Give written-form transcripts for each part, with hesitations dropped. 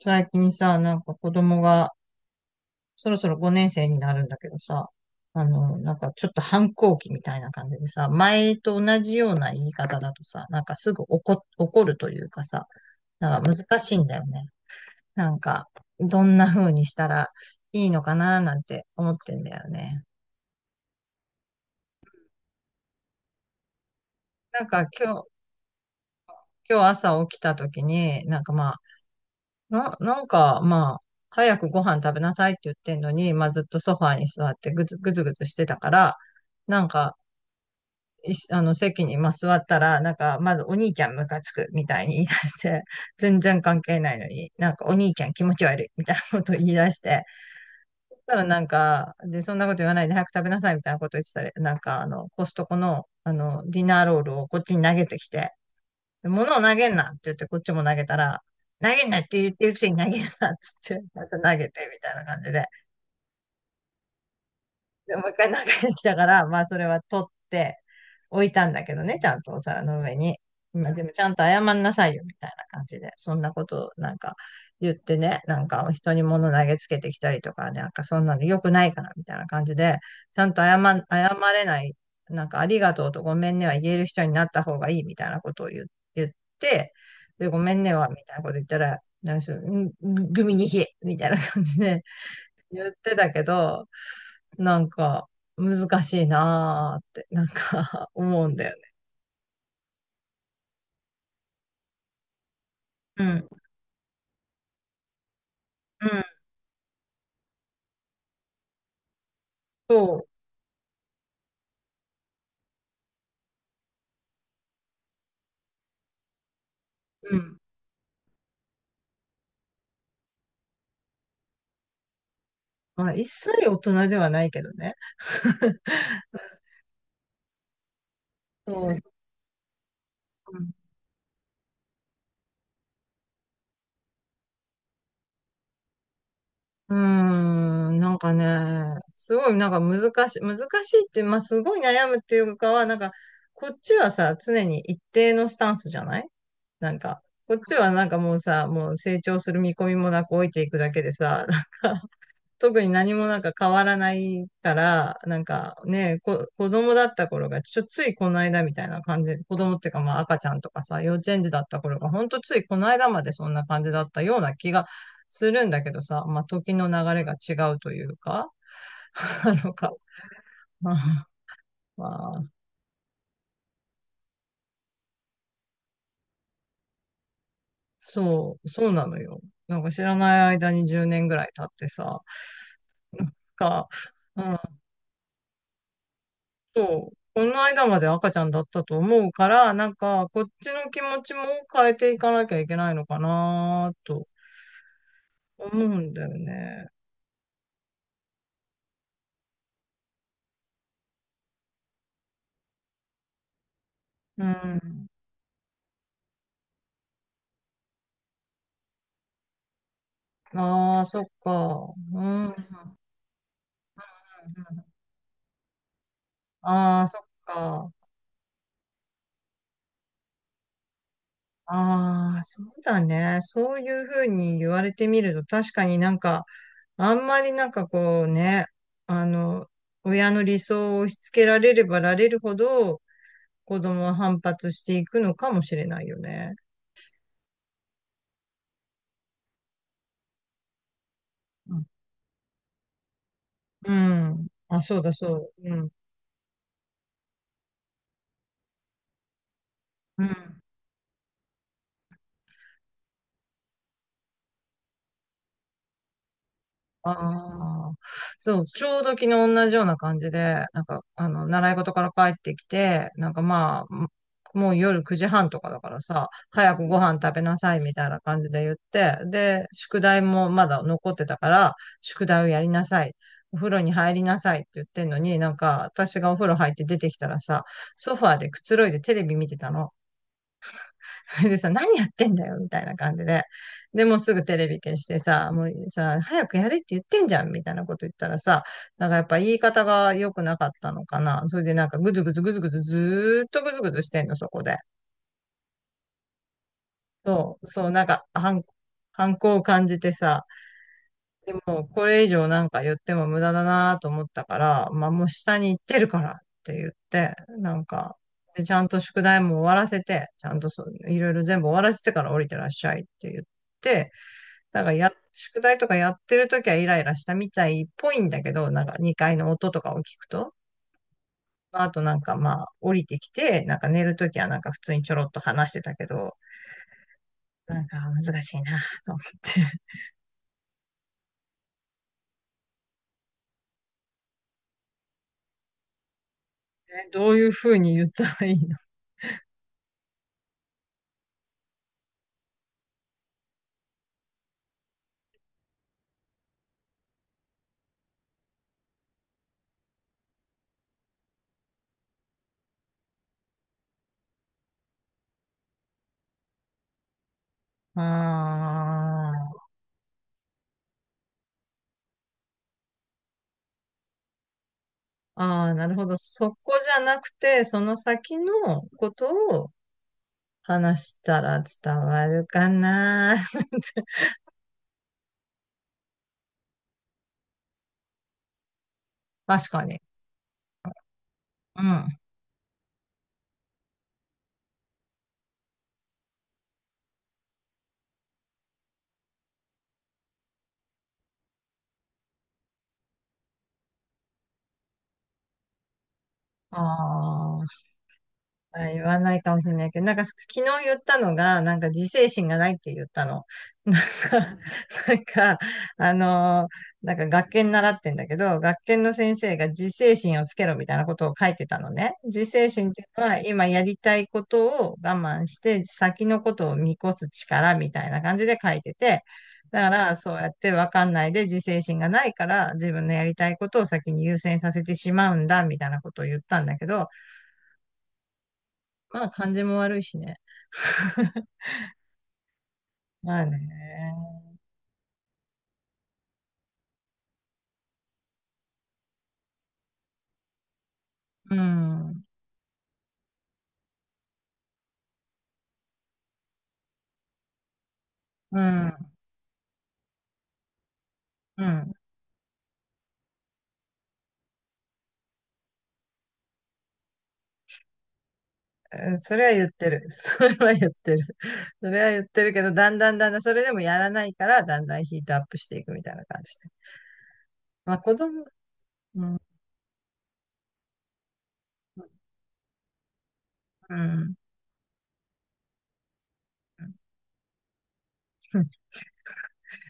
最近さ、なんか子供がそろそろ5年生になるんだけどさ、なんかちょっと反抗期みたいな感じでさ、前と同じような言い方だとさ、なんかすぐ怒るというかさ、なんか難しいんだよね。なんか、どんな風にしたらいいのかななんて思ってんだよね。なんか今日朝起きた時に、なんかまあ、なんかまあ、早くご飯食べなさいって言ってんのに、まあずっとソファーに座ってぐずぐずぐずしてたから、なんか、いしあの、席にまあ座ったら、なんか、まずお兄ちゃんムカつくみたいに言い出して、全然関係ないのに、なんかお兄ちゃん気持ち悪いみたいなことを言い出して、そしたらなんか、で、そんなこと言わないで早く食べなさいみたいなこと言ってたら、なんか、コストコの、ディナーロールをこっちに投げてきて、物を投げんなって言ってこっちも投げたら、投げんなって言ってるくせに投げんなっつって、また投げてみたいな感じで、でもう一回中に来たから、まあそれは取って置いたんだけどね、ちゃんとお皿の上に。まあでもちゃんと謝んなさいよみたいな感じで、そんなことなんか言ってね、なんか人に物投げつけてきたりとかね、なんかそんなの良くないからみたいな感じで、ちゃんと謝れない、なんかありがとうとごめんねは言える人になった方がいいみたいなことを言って、で、ごめんねはみたいなこと言ったら、なんかそのグミに冷えみたいな感じで、言ってたけど、なんか難しいなーって、なんか 思うんだよね。うん。うん。そう。うん。まあ、一切大人ではないけどね。そう。うん、うーんなんかね、すごいなんか難しいって、まあすごい悩むっていうかは、なんか、こっちはさ、常に一定のスタンスじゃないなんか、こっちはなんかもうさ、もう成長する見込みもなく置いていくだけでさ、特に何もなんか変わらないから、なんかね、子供だった頃が、ついこの間みたいな感じ、子供っていうかまあ赤ちゃんとかさ、幼稚園児だった頃が、ほんとついこの間までそんな感じだったような気がするんだけどさ、まあ時の流れが違うというか、なのか、まあ、まあ、そうなのよ。なんか知らない間に10年ぐらい経ってさ、なんか、うんそう、この間まで赤ちゃんだったと思うから、なんか、こっちの気持ちも変えていかなきゃいけないのかなと思うんだよね。うん。ああ、そっか。うん。ああ、そっか。ああ、そうだね。そういうふうに言われてみると、確かになんか、あんまりなんかこうね、あの、親の理想を押し付けられればられるほど、子供は反発していくのかもしれないよね。うん。あ、そうだ、そう。うん。うん。ああ。そう、ちょうど昨日同じような感じで、なんか、習い事から帰ってきて、なんかまあ、もう夜9時半とかだからさ、早くご飯食べなさいみたいな感じで言って、で、宿題もまだ残ってたから、宿題をやりなさい。お風呂に入りなさいって言ってんのに、なんか私がお風呂入って出てきたらさ、ソファーでくつろいでテレビ見てたの。でさ、何やってんだよ、みたいな感じで。で、もうすぐテレビ消してさ、もうさ、早くやれって言ってんじゃん、みたいなこと言ったらさ、なんかやっぱ言い方が良くなかったのかな。それでなんかぐずぐずぐずぐずずーっとぐずぐずしてんの、そこで。そう、そう、なんか反抗を感じてさ、でもこれ以上なんか言っても無駄だなと思ったから、まあもう下に行ってるからって言って、なんか、で、ちゃんと宿題も終わらせて、ちゃんとそう、いろいろ全部終わらせてから降りてらっしゃいって言って、だから宿題とかやってるときはイライラしたみたいっぽいんだけど、なんか2階の音とかを聞くと、あとなんかまあ降りてきて、なんか寝るときはなんか普通にちょろっと話してたけど、なんか難しいなと思って どういうふうに言ったらいいのああ、ああ、なるほど。そこじゃなくて、その先のことを話したら伝わるかな 確かに。うん。ああ。あ、言わないかもしれないけど、なんか昨日言ったのが、なんか自制心がないって言ったの。なんか、なんか、なんか学研習ってんだけど、学研の先生が自制心をつけろみたいなことを書いてたのね。自制心っていうのは、今やりたいことを我慢して、先のことを見越す力みたいな感じで書いてて、だから、そうやってわかんないで自制心がないから、自分のやりたいことを先に優先させてしまうんだ、みたいなことを言ったんだけど、まあ、感じも悪いしね。まあね。うん、うん、うん。うんそれは言ってる。それは言ってる。それは言ってるけど、だんだんだんだん、それでもやらないから、だんだんヒートアップしていくみたいな感じで。まあ子供、うん。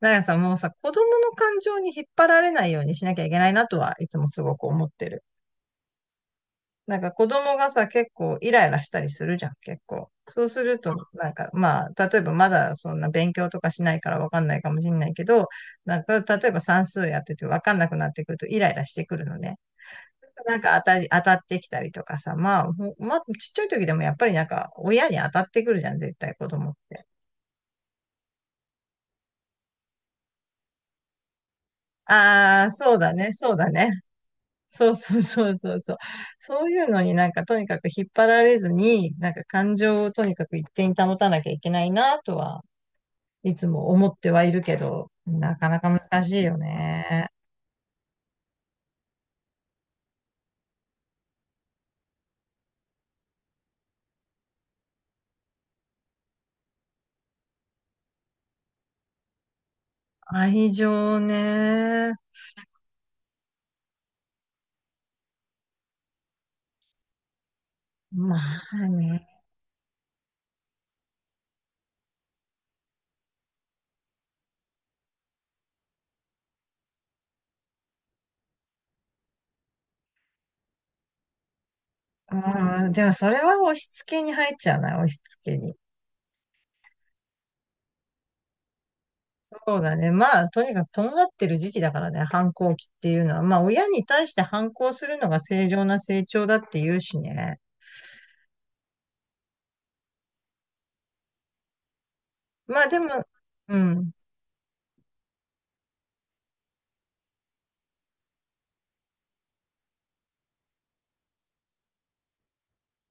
なんかさ、もうさ、子供の感情に引っ張られないようにしなきゃいけないなとはいつもすごく思ってる。なんか子供がさ、結構イライラしたりするじゃん、結構。そうすると、なんかまあ、例えばまだそんな勉強とかしないからわかんないかもしんないけど、なんか例えば算数やっててわかんなくなってくるとイライラしてくるのね。なんか当たってきたりとかさ、まあ、ちっちゃい時でもやっぱりなんか親に当たってくるじゃん、絶対子供って。ああ、そうだね、そうだね。そうそうそうそうそう。そういうのになんかとにかく引っ張られずに、なんか感情をとにかく一定に保たなきゃいけないなとはいつも思ってはいるけど、なかなか難しいよね。愛情ね。まあね。うん、でもそれは押し付けに入っちゃうな、押し付けに。そうだね。まあ、とにかくとんがってる時期だからね、反抗期っていうのは。まあ、親に対して反抗するのが正常な成長だって言うしね。まあ、でも、うん。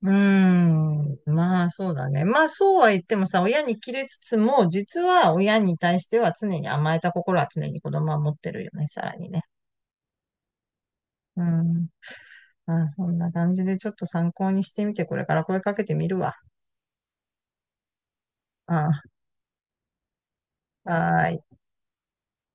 うーん。まあ、そうだね。まあ、そうは言ってもさ、親に切れつつも、実は親に対しては常に甘えた心は常に子供は持ってるよね、さらにね。うん。まあ、そんな感じでちょっと参考にしてみて、これから声かけてみるわ。うん。はーい。